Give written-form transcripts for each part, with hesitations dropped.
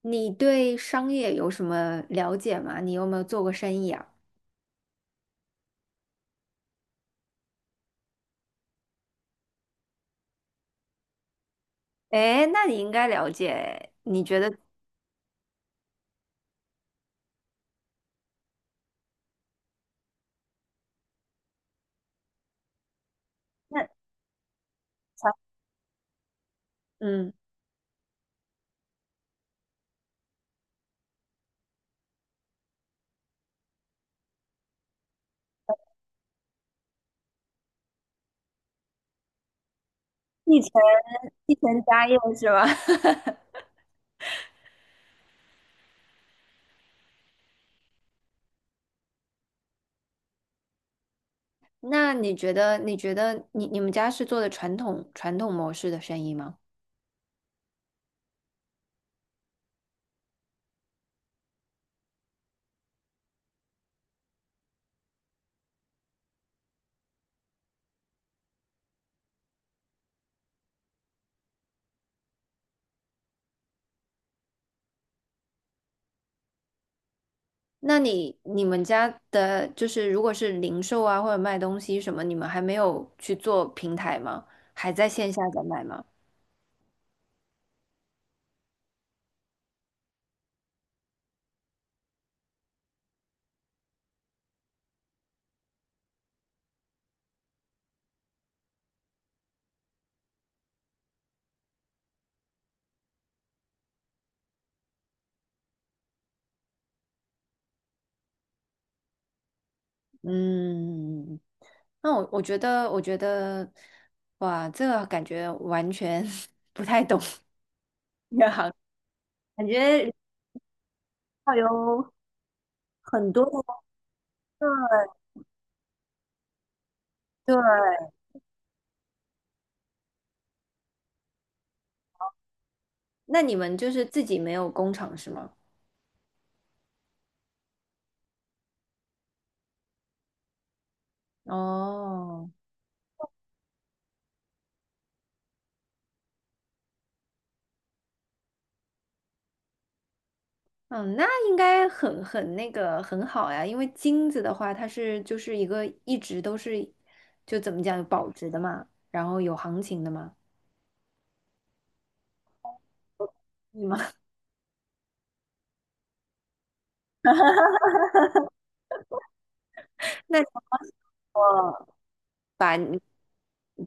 你对商业有什么了解吗？你有没有做过生意啊？哎，那你应该了解。你觉得那嗯，继承继承家业是吧？那你觉得你们家是做的传统模式的生意吗？那你们家的就是如果是零售啊或者卖东西什么，你们还没有去做平台吗？还在线下在卖吗？嗯，嗯嗯嗯那我觉得，我觉得，哇，这个感觉完全 不太懂 这个行业，感觉要有很多的。对，那你们就是自己没有工厂是吗？哦，嗯，那应该很那个很好呀，因为金子的话，它是就是一个一直都是，就怎么讲有保值的嘛，然后有行情的嘛，对吗？那如果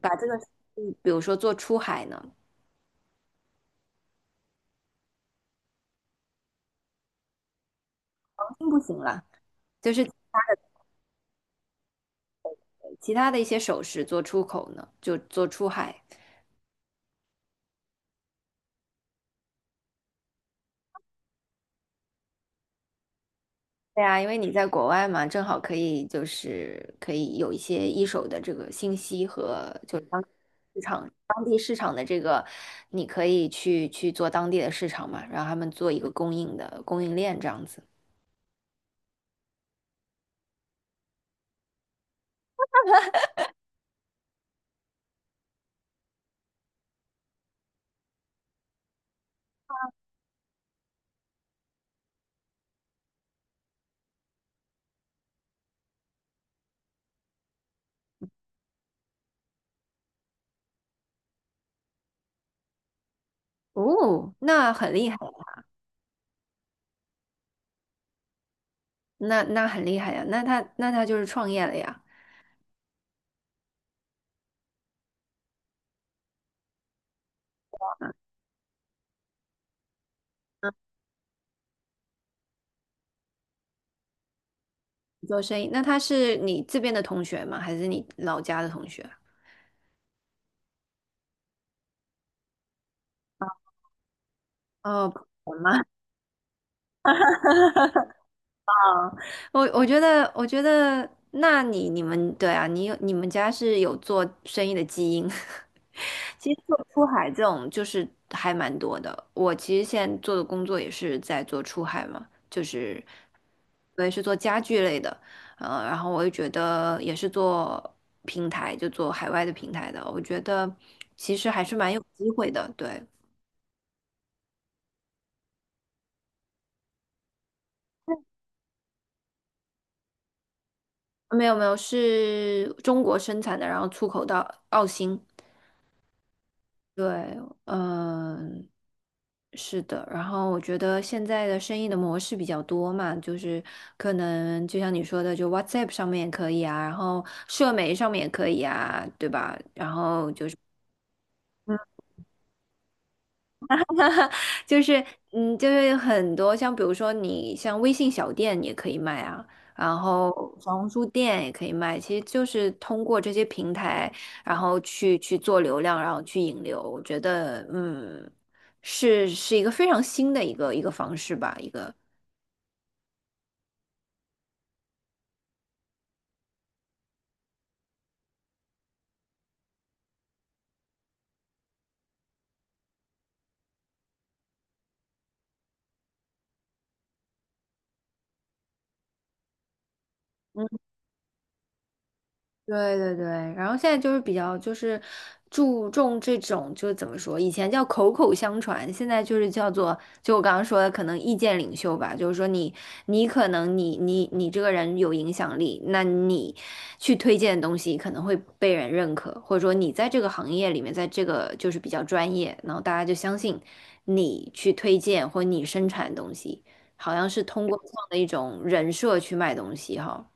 把这个，嗯比如说做出海呢，并不行啦。就是其他的一些首饰做出口呢，就做出海。对啊，因为你在国外嘛，正好可以就是可以有一些一手的这个信息和就是当市场当地市场的这个，你可以去做当地的市场嘛，让他们做一个供应的供应链这样子。哦，那很厉害呀，那那很厉害呀，那他就是创业了呀，做生意。那他是你这边的同学吗？还是你老家的同学？哦，我友吗我觉得，我觉得，那你你们，对啊，你有你们家是有做生意的基因。其实做出海这种就是还蛮多的。我其实现在做的工作也是在做出海嘛，就是我也是做家具类的，呃，然后我也觉得也是做平台，就做海外的平台的。我觉得其实还是蛮有机会的。对，没有没有，是中国生产的，然后出口到澳新。对，嗯、是的，然后我觉得现在的生意的模式比较多嘛，就是可能就像你说的，就 WhatsApp 上面也可以啊，然后社媒上面也可以啊，对吧？然后就是嗯，就是很多像比如说你像微信小店也可以卖啊，然后小红书店也可以卖，其实就是通过这些平台，然后去做流量，然后去引流，我觉得嗯，是一个非常新的一个方式吧，一个。对对对，然后现在就是比较就是注重这种，就怎么说，以前叫口口相传，现在就是叫做，就我刚刚说的，可能意见领袖吧，就是说你你可能你这个人有影响力，那你去推荐的东西可能会被人认可，或者说你在这个行业里面，在这个就是比较专业，然后大家就相信你去推荐或你生产的东西，好像是通过这样的一种人设去卖东西哈。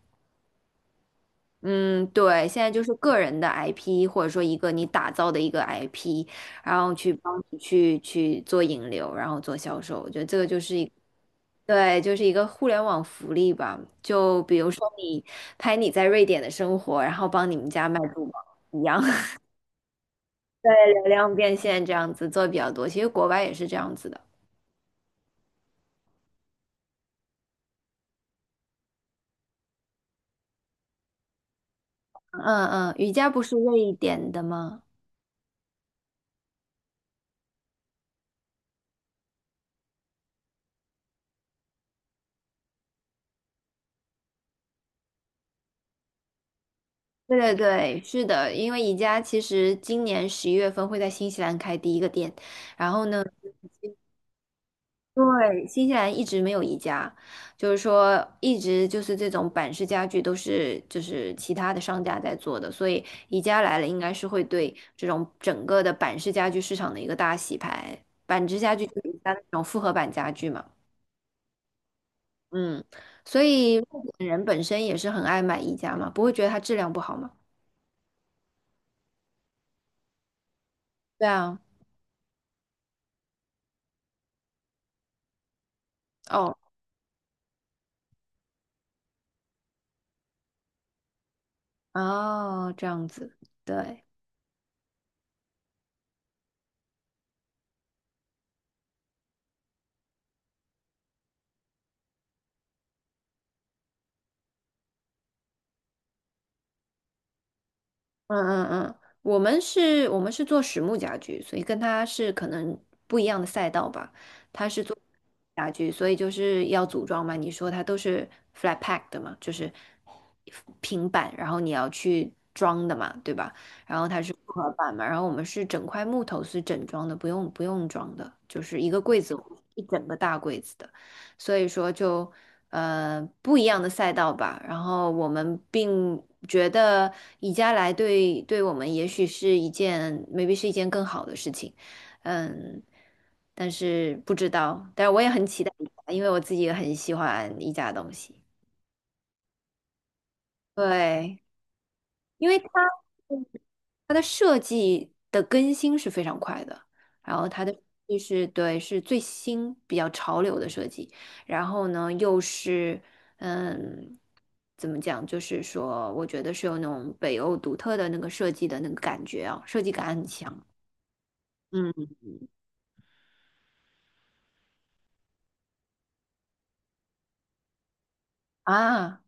嗯，对，现在就是个人的 IP，或者说一个你打造的一个 IP，然后去帮你去做引流，然后做销售，我觉得这个就是一，对，就是一个互联网福利吧。就比如说你拍你在瑞典的生活，然后帮你们家卖珠宝一样，流量变现这样子做比较多。其实国外也是这样子的。嗯嗯，瑜伽不是瑞典的吗？对对对，是的，因为宜家其实今年十一月份会在新西兰开第一个店，然后呢。对，新西兰一直没有宜家，就是说一直就是这种板式家具都是就是其他的商家在做的，所以宜家来了应该是会对这种整个的板式家具市场的一个大洗牌。板式家具就是宜家的那种复合板家具嘛，嗯，所以日本人本身也是很爱买宜家嘛，不会觉得它质量不好嘛？对啊，哦哦，这样子，对。嗯嗯嗯，我们是做实木家具，所以跟他是可能不一样的赛道吧。家具，所以就是要组装嘛。你说它都是 flat pack 的嘛，就是平板，然后你要去装的嘛，对吧？然后它是复合板嘛，然后我们是整块木头是整装的，不用装的，就是一个柜子，一整个大柜子的。所以说就呃不一样的赛道吧。然后我们并觉得宜家来对我们也许是一件 maybe 是一件更好的事情。嗯，但是不知道，但是我也很期待宜家，因为我自己也很喜欢宜家的东西。对，因为它嗯它的设计的更新是非常快的，然后它的就是对是最新比较潮流的设计，然后呢又是嗯怎么讲，就是说我觉得是有那种北欧独特的那个设计的那个感觉啊，设计感很强。嗯啊。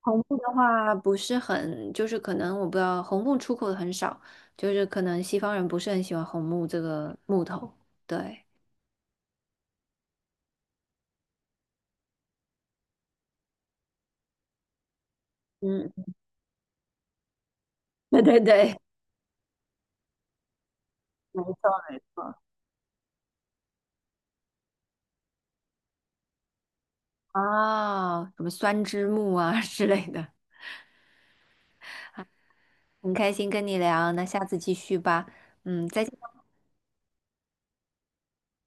红木的话不是很，就是可能我不知道，红木出口的很少，就是可能西方人不是很喜欢红木这个木头。对，嗯 对对对，没错没错。啊，什么酸枝木啊之类的，很开心跟你聊，那下次继续吧。嗯，再见。